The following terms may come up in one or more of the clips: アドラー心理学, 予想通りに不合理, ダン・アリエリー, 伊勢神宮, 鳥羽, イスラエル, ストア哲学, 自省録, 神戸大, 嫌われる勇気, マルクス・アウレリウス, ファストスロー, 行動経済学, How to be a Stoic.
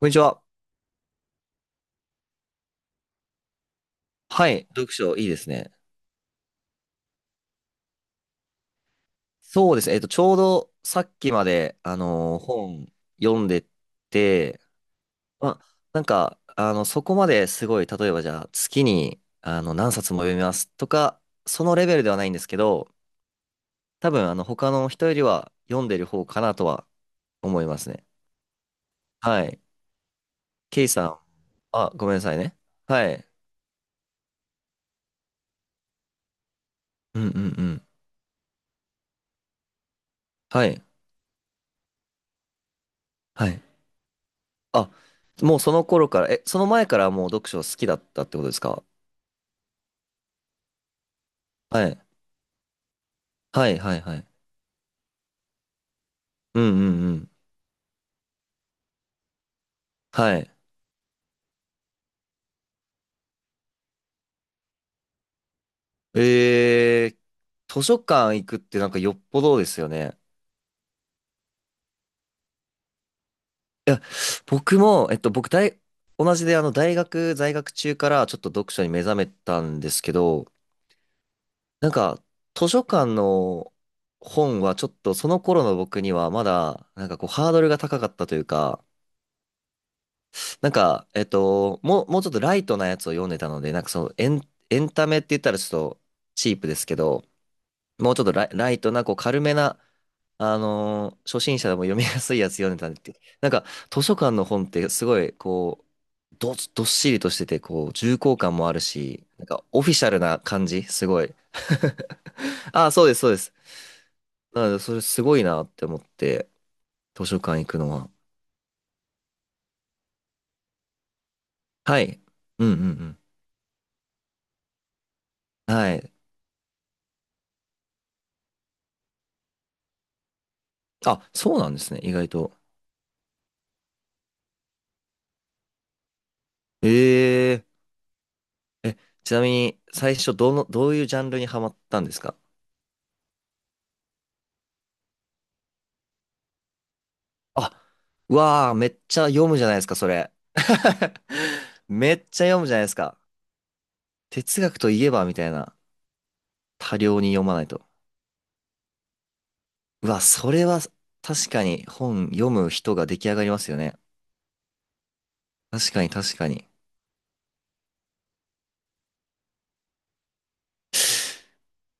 こんにちは。はい。読書いいですね。そうですね。ちょうどさっきまで、本読んでて、まあ、なんか、そこまですごい、例えばじゃあ、月に、何冊も読みますとか、そのレベルではないんですけど、多分、他の人よりは読んでる方かなとは思いますね。はい。ケイさん。あ、ごめんなさいね。はい。うんうんうん。はい。はい。あ、もうその頃から、その前からもう読書好きだったってことですか？はいはいはいはい。うんうんうん。はい。図書館行くってなんかよっぽどですよね。僕も、同じで大学在学中からちょっと読書に目覚めたんですけど、なんか図書館の本はちょっとその頃の僕にはまだなんかこうハードルが高かったというか、なんか、もうちょっとライトなやつを読んでたので、なんかそのエンタメって言ったらちょっとチープですけど、もうちょっとライトなこう軽めな初心者でも読みやすいやつ読んでたんでって。なんか、図書館の本ってすごい、こう、どっしりとしてて、こう、重厚感もあるし、なんか、オフィシャルな感じ、すごい。ああ、そうです、そうです。なので、それすごいなって思って、図書館行くのは。はい。うんうんうん。はい。あ、そうなんですね、意外と。えええ、ちなみに、最初、どういうジャンルにハマったんですか？あ、うわあ、めっちゃ読むじゃないですか、それ。めっちゃ読むじゃないですか。哲学といえば、みたいな。多量に読まないと。うわ、それは確かに本読む人が出来上がりますよね。確かに確かに。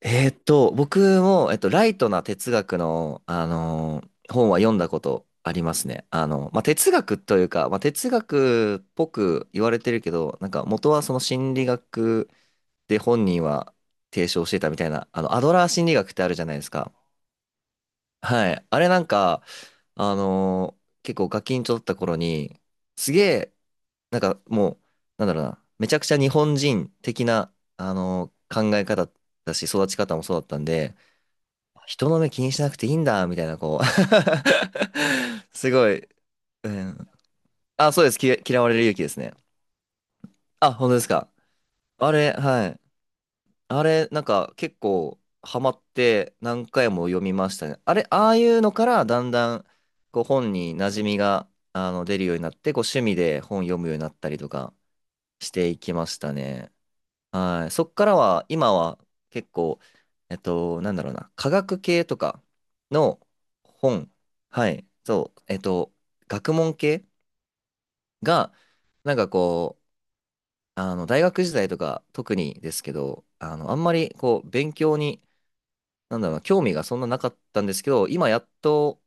僕も、ライトな哲学の、本は読んだことありますね。まあ、哲学というか、まあ、哲学っぽく言われてるけど、なんか元はその心理学で本人は提唱してたみたいな、アドラー心理学ってあるじゃないですか。はい。あれなんか、結構ガキンチョだった頃に、すげえ、なんかもう、なんだろうな、めちゃくちゃ日本人的な、考え方だし、育ち方もそうだったんで、人の目気にしなくていいんだ、みたいな、こう すごい、うん。あ、そうです。嫌われる勇気ですね。あ、本当ですか。あれ、はい。あれ、なんか結構ハマって何回も読みましたね。あれ、ああいうのからだんだんこう本に馴染みが出るようになって、こう趣味で本読むようになったりとかしていきましたね。はい。そっからは、今は結構、なんだろうな、科学系とかの本、はい、そう、学問系が、なんかこう、あの大学時代とか特にですけど、あんまりこう勉強になんだろうな、興味がそんななかったんですけど、今やっと、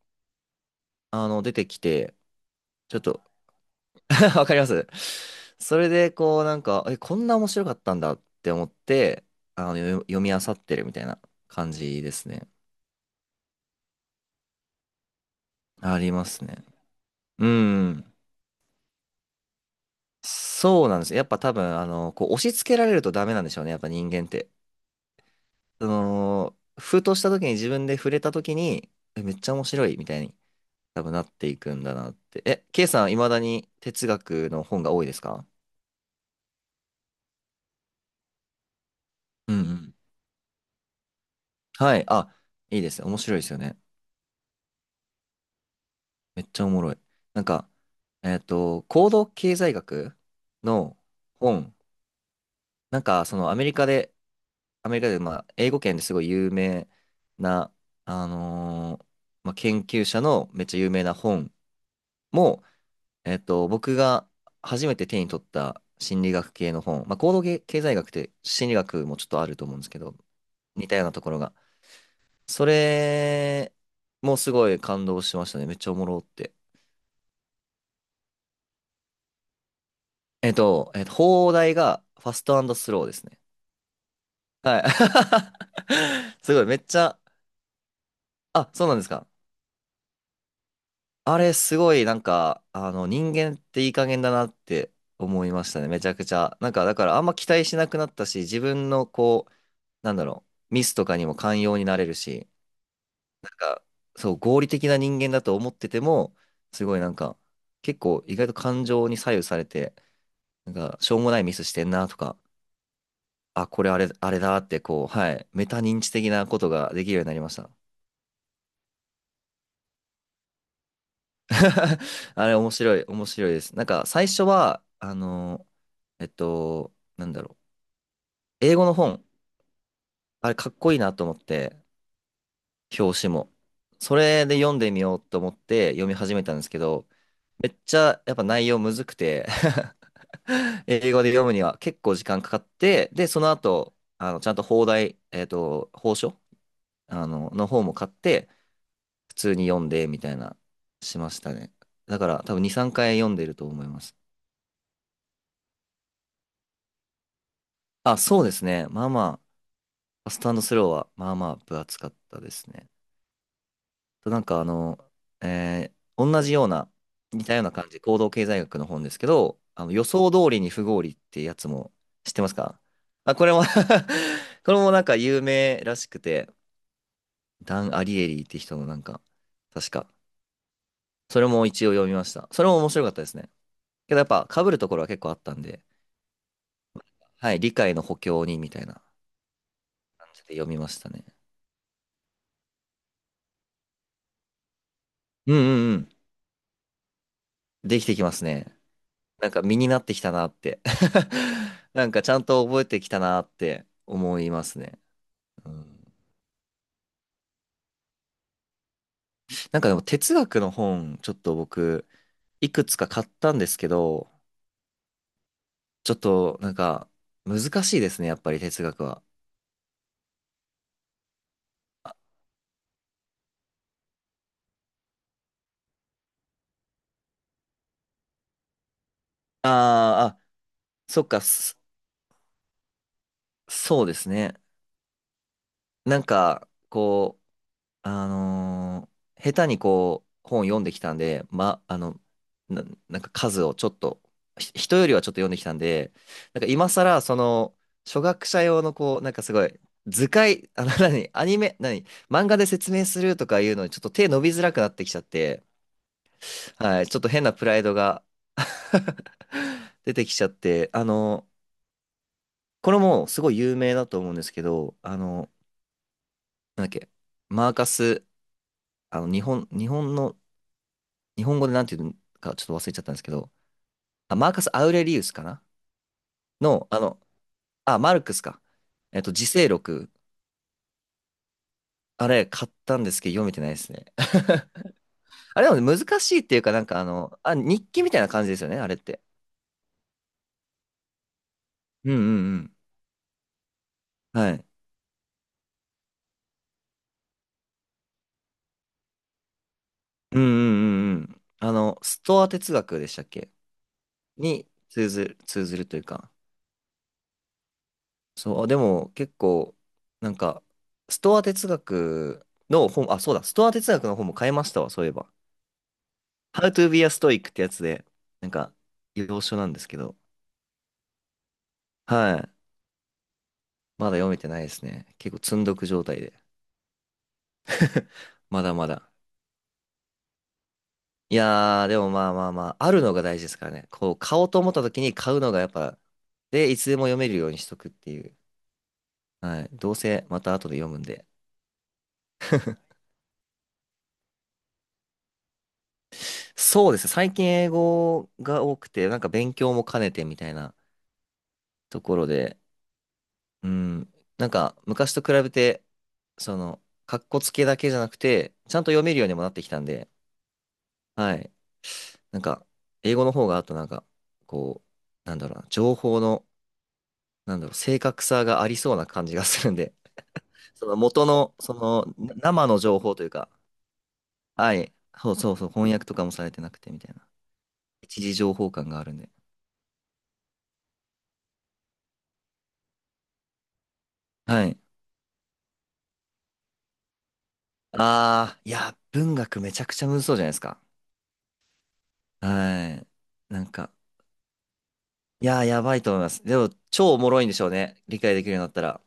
出てきて、ちょっと わかりますそれで、こう、なんか、こんな面白かったんだって思って、読み漁ってるみたいな感じですね。ありますね。うん。そうなんです。やっぱ多分、こう、押し付けられるとダメなんでしょうね。やっぱ人間って。その、ふとした時に自分で触れた時に、めっちゃ面白いみたいに多分なっていくんだなって。ケイさん、未だに哲学の本が多いですか？うんうん。はい。あ、いいですね。面白いですよね。めっちゃおもろい。なんか、行動経済学の本。なんか、そのアメリカで、まあ、英語圏ですごい有名な、あのーまあ、研究者のめっちゃ有名な本も、僕が初めて手に取った心理学系の本。まあ、行動経済学って心理学もちょっとあると思うんですけど、似たようなところがそれもすごい感動しましたね。めっちゃおもろって。放題がファストスローですね。はい。すごい、めっちゃ、あ、そうなんですか。あれ、すごい、なんか、人間っていい加減だなって思いましたね。めちゃくちゃ。なんか、だから、あんま期待しなくなったし、自分の、こう、なんだろう、ミスとかにも寛容になれるし、なんか、そう、合理的な人間だと思ってても、すごい、なんか、結構、意外と感情に左右されて、なんか、しょうもないミスしてんなとか、あ、これあれ、あれだって、こう、はい、メタ認知的なことができるようになりました。あれ、面白い、面白いです。なんか、最初は、なんだろう。英語の本、あれ、かっこいいなと思って、表紙も。それで読んでみようと思って読み始めたんですけど、めっちゃ、やっぱ内容むずくて 英語で読むには結構時間かかって、で、その後、ちゃんと放題、報書の方も買って、普通に読んで、みたいな、しましたね。だから多分2、3回読んでると思います。あ、そうですね。まあまあ、ファストスローは、まあまあ、分厚かったですね。となんか同じような、似たような感じ、行動経済学の本ですけど、予想通りに不合理ってやつも知ってますか？あ、これも これもなんか有名らしくて、ダン・アリエリーって人のなんか、確か、それも一応読みました。それも面白かったですね。けどやっぱ被るところは結構あったんで、はい、理解の補強にみたいな感じで読みましたね。うんうんうん。できてきますね。なんか身になってきたなって なんかちゃんと覚えてきたなって思いますね。うん、なんかでも哲学の本、ちょっと僕、いくつか買ったんですけど、ちょっとなんか難しいですね、やっぱり哲学は。あーあ、そっか、そうですね。なんか、こあのー下手にこう、本読んできたんで、ま、あの、な、なんか数をちょっと、人よりはちょっと読んできたんで、なんか今更、その、初学者用のこう、なんかすごい、図解、何、アニメ、何、漫画で説明するとかいうのにちょっと手伸びづらくなってきちゃって、はい、ちょっと変なプライドが 出てきちゃって、これもすごい有名だと思うんですけど、なんだっけ、マーカス、日本の日本語でなんていうかちょっと忘れちゃったんですけど、あ、マーカス・アウレリウスかなの、あ、マルクスか。自省録。あれ、買ったんですけど、読めてないですね。あれでも難しいっていうか、なんかあ、日記みたいな感じですよね、あれって。うんうんうん。はい。うんうんうんうん。ストア哲学でしたっけに通ずる、通ずるというか。そう、でも結構、なんか、ストア哲学の本、あ、そうだ、ストア哲学の本も買いましたわ、そういえば。How to be a Stoic ってやつで、なんか、要所なんですけど、はい。まだ読めてないですね。結構積んどく状態で。まだまだ。いやー、でもまあまあまあ、あるのが大事ですからね。こう、買おうと思った時に買うのがやっぱ、で、いつでも読めるようにしとくっていう。はい。どうせまた後で読むんで。そうですね。最近英語が多くて、なんか勉強も兼ねてみたいなところで、うん。なんか、昔と比べて、その、かっこつけだけじゃなくて、ちゃんと読めるようにもなってきたんで、はい。なんか、英語の方が、あとなんか、こう、なんだろうな、情報の、なんだろう、正確さがありそうな感じがするんで、その元の、その、生の情報というか、はい。そうそうそう、翻訳とかもされてなくてみたいな。一時情報感があるんで。はい。ああ、いや、文学めちゃくちゃむずそうじゃないですか。はい。なんか、いやー、やばいと思います。でも、超おもろいんでしょうね。理解できるようになったら。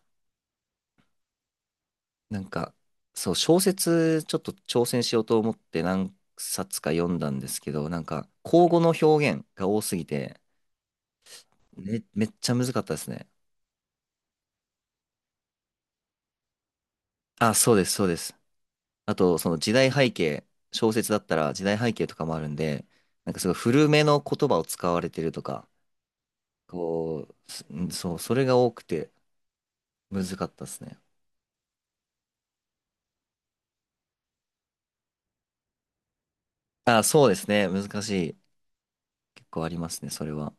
なんか、そう、小説、ちょっと挑戦しようと思って何冊か読んだんですけど、なんか、口語の表現が多すぎて、めっちゃ難かったですね。あ、そうです、そうです。あと、その時代背景、小説だったら時代背景とかもあるんで、なんかすごい古めの言葉を使われてるとか、こう、すんそう、それが多くて難かったですね。あ、そうですね。難しい。結構ありますね、それは。